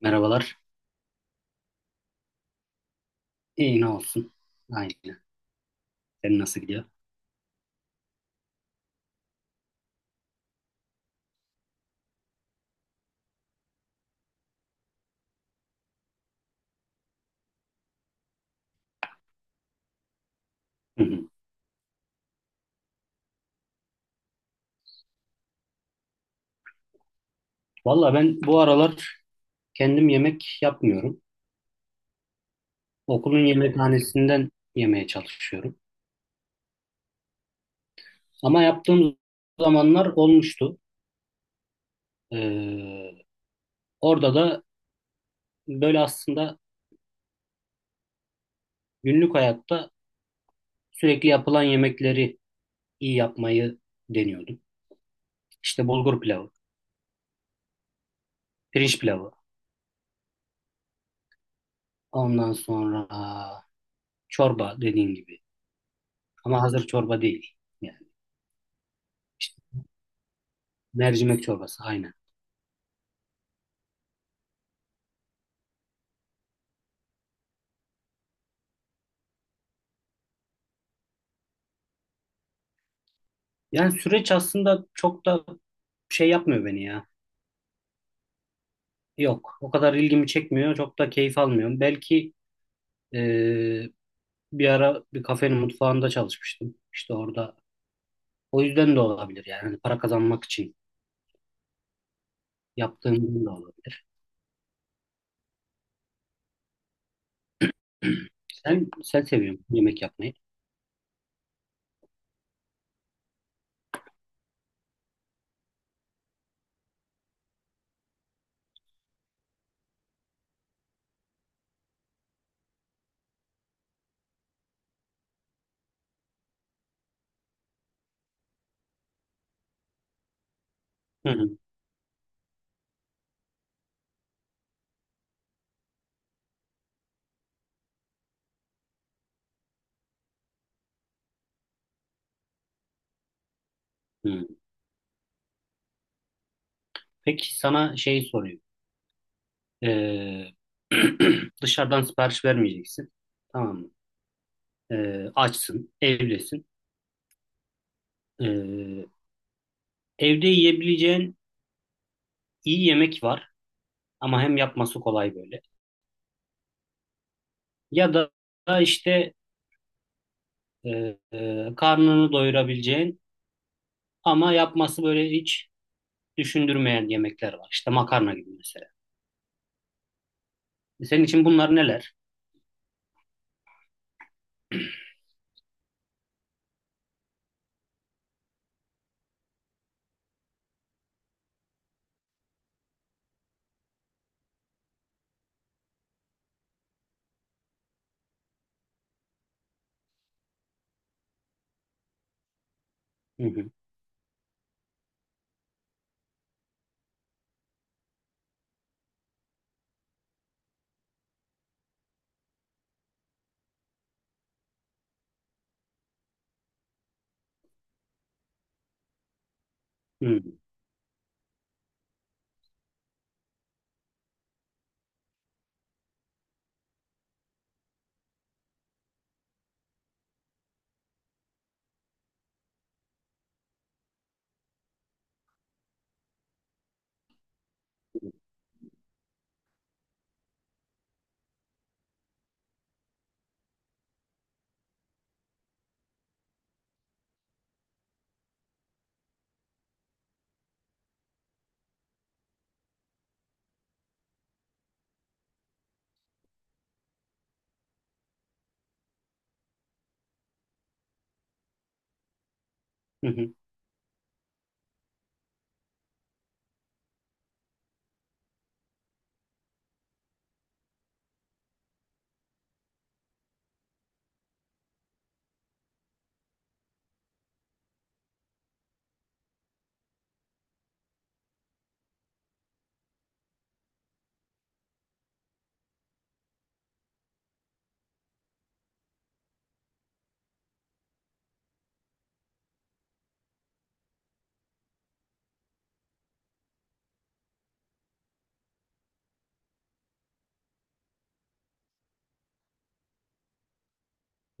Merhabalar. İyi ne olsun. Aynen. Senin nasıl gidiyor? Hı hı. Valla ben bu aralar kendim yemek yapmıyorum. Okulun yemekhanesinden yemeye çalışıyorum. Ama yaptığım zamanlar olmuştu. Ee, Orada da böyle aslında günlük hayatta sürekli yapılan yemekleri iyi yapmayı deniyordum. İşte bulgur pilavı, pirinç pilavı, ondan sonra çorba dediğin gibi. Ama hazır çorba değil. Yani işte mercimek çorbası aynen. Yani süreç aslında çok da şey yapmıyor beni ya. Yok, o kadar ilgimi çekmiyor, çok da keyif almıyorum. Belki eee, bir ara bir kafenin mutfağında çalışmıştım. İşte orada. O yüzden de olabilir yani. Hani para kazanmak için yaptığım da olabilir. Sen seviyorsun yemek yapmayı. Hı hı. Hı. Peki sana şey sorayım. Eee, dışarıdan sipariş vermeyeceksin. Tamam mı? Açsın, evdesin. Eee, Evde yiyebileceğin iyi yemek var. Ama hem yapması kolay böyle. Ya da işte e, karnını doyurabileceğin ama yapması böyle hiç düşündürmeyen yemekler var. İşte makarna gibi mesela. Senin için bunlar neler? Hı hı, hı hı,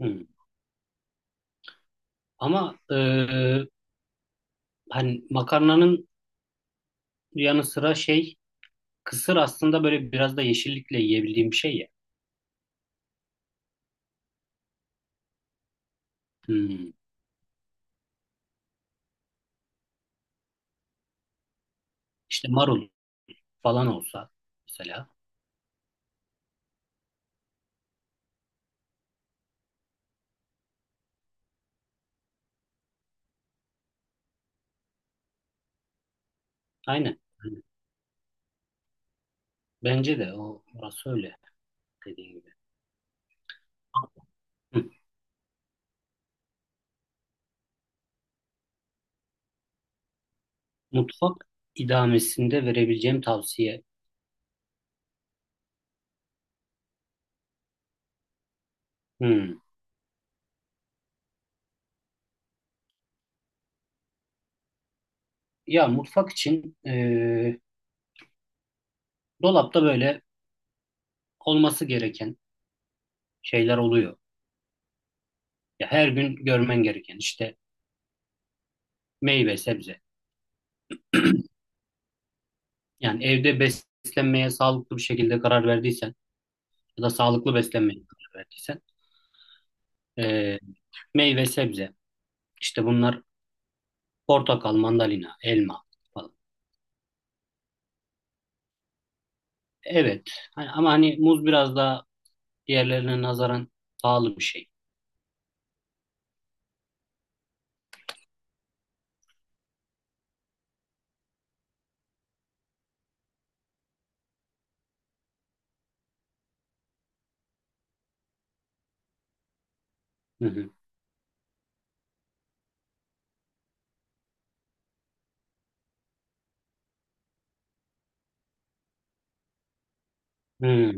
hı hı. Ama hani makarnanın yanı sıra şey kısır aslında böyle biraz da yeşillikle yiyebildiğim bir şey ya. Hı. İşte marul falan olsa mesela. Aynen. Aynen. Bence de o orası öyle dediğin gibi. Hı. Mutfak idamesinde verebileceğim tavsiye. Hı. Ya mutfak için dolapta böyle olması gereken şeyler oluyor. Ya her gün görmen gereken işte meyve, sebze. Yani evde beslenmeye sağlıklı bir şekilde karar verdiysen ya da sağlıklı beslenmeye karar verdiysen e, meyve, sebze. İşte bunlar portakal, mandalina, elma falan. Evet. Ama hani muz biraz daha diğerlerine nazaran pahalı bir şey. Hı hı. Hı.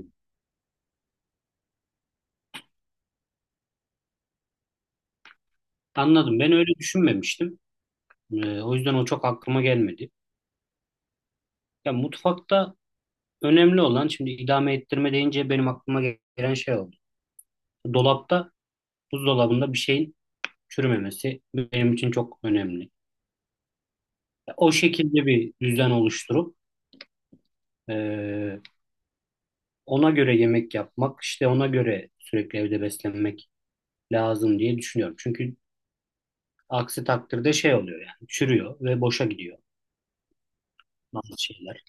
Anladım. Ben öyle düşünmemiştim. O yüzden o çok aklıma gelmedi. Ya mutfakta önemli olan şimdi idame ettirme deyince benim aklıma gelen şey oldu. Dolapta, buzdolabında bir şeyin çürümemesi benim için çok önemli. Ya o şekilde bir düzen oluşturup e, ona göre yemek yapmak, işte ona göre sürekli evde beslenmek lazım diye düşünüyorum. Çünkü aksi takdirde şey oluyor yani çürüyor ve boşa gidiyor bazı şeyler.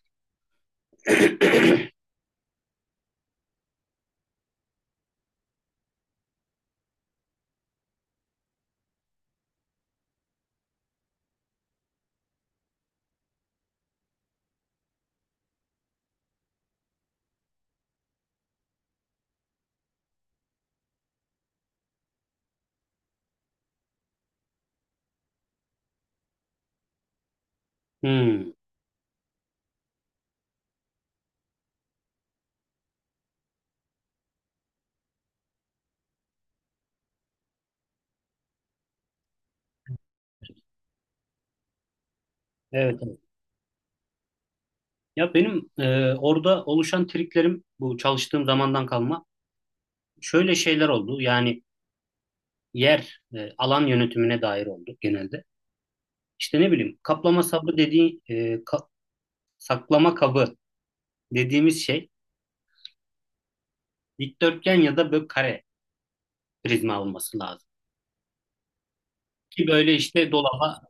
Hmm, evet, evet. Ya benim orada oluşan triklerim bu çalıştığım zamandan kalma şöyle şeyler oldu. Yani alan yönetimine dair oldu genelde. İşte ne bileyim kaplama sabı dediği saklama kabı dediğimiz şey dikdörtgen ya da böyle kare prizma olması lazım. Ki böyle işte dolaba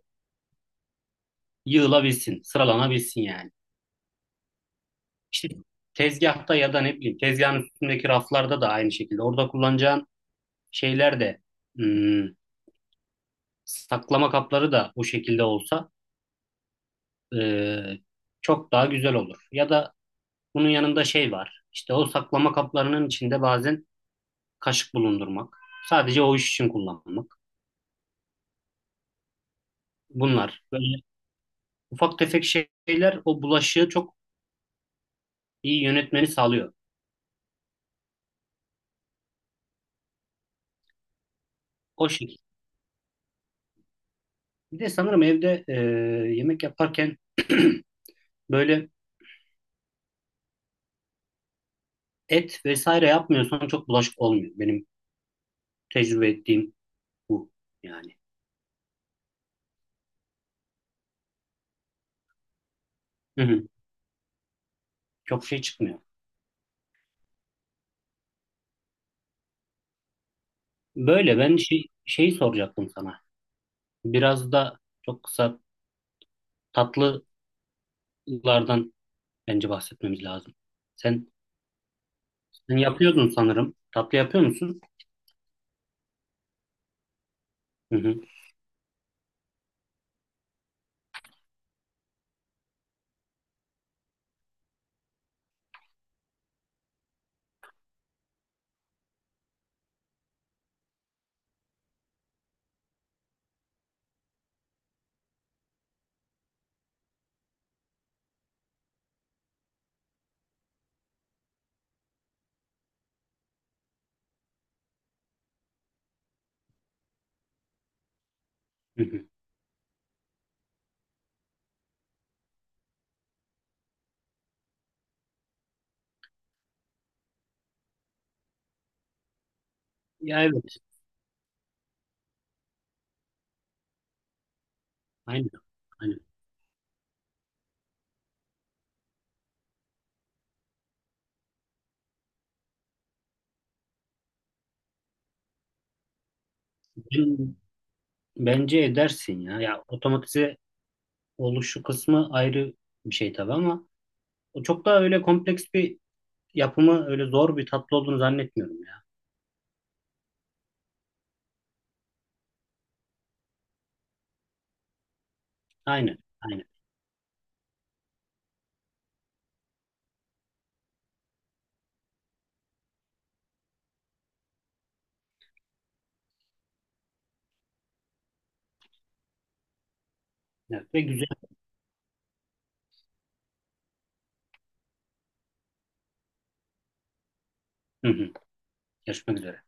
yığılabilsin, sıralanabilsin yani. İşte tezgahta ya da ne bileyim tezgahın üstündeki raflarda da aynı şekilde. Orada kullanacağın şeyler de hmm, saklama kapları da bu şekilde olsa e, çok daha güzel olur. Ya da bunun yanında şey var. İşte o saklama kaplarının içinde bazen kaşık bulundurmak. Sadece o iş için kullanmak. Bunlar böyle ufak tefek şeyler o bulaşığı çok iyi yönetmeni sağlıyor. O şekilde. Bir de sanırım evde yemek yaparken böyle et vesaire yapmıyorsan çok bulaşık olmuyor. Benim tecrübe ettiğim bu yani. Hı hı. Çok şey çıkmıyor. Böyle ben şeyi soracaktım sana. Biraz da çok kısa tatlılardan bence bahsetmemiz lazım. Sen, sen yapıyordun sanırım. Tatlı yapıyor musun? Hı hı. Hı hı. Ya evet. Aynen. Aynen. Ben- Bence edersin ya. Ya otomatize oluşu kısmı ayrı bir şey tabii ama o çok daha öyle kompleks bir yapımı öyle zor bir tatlı olduğunu zannetmiyorum. Aynen. Aynen. Evet, ve güzel. Hı hı. Görüşmek üzere.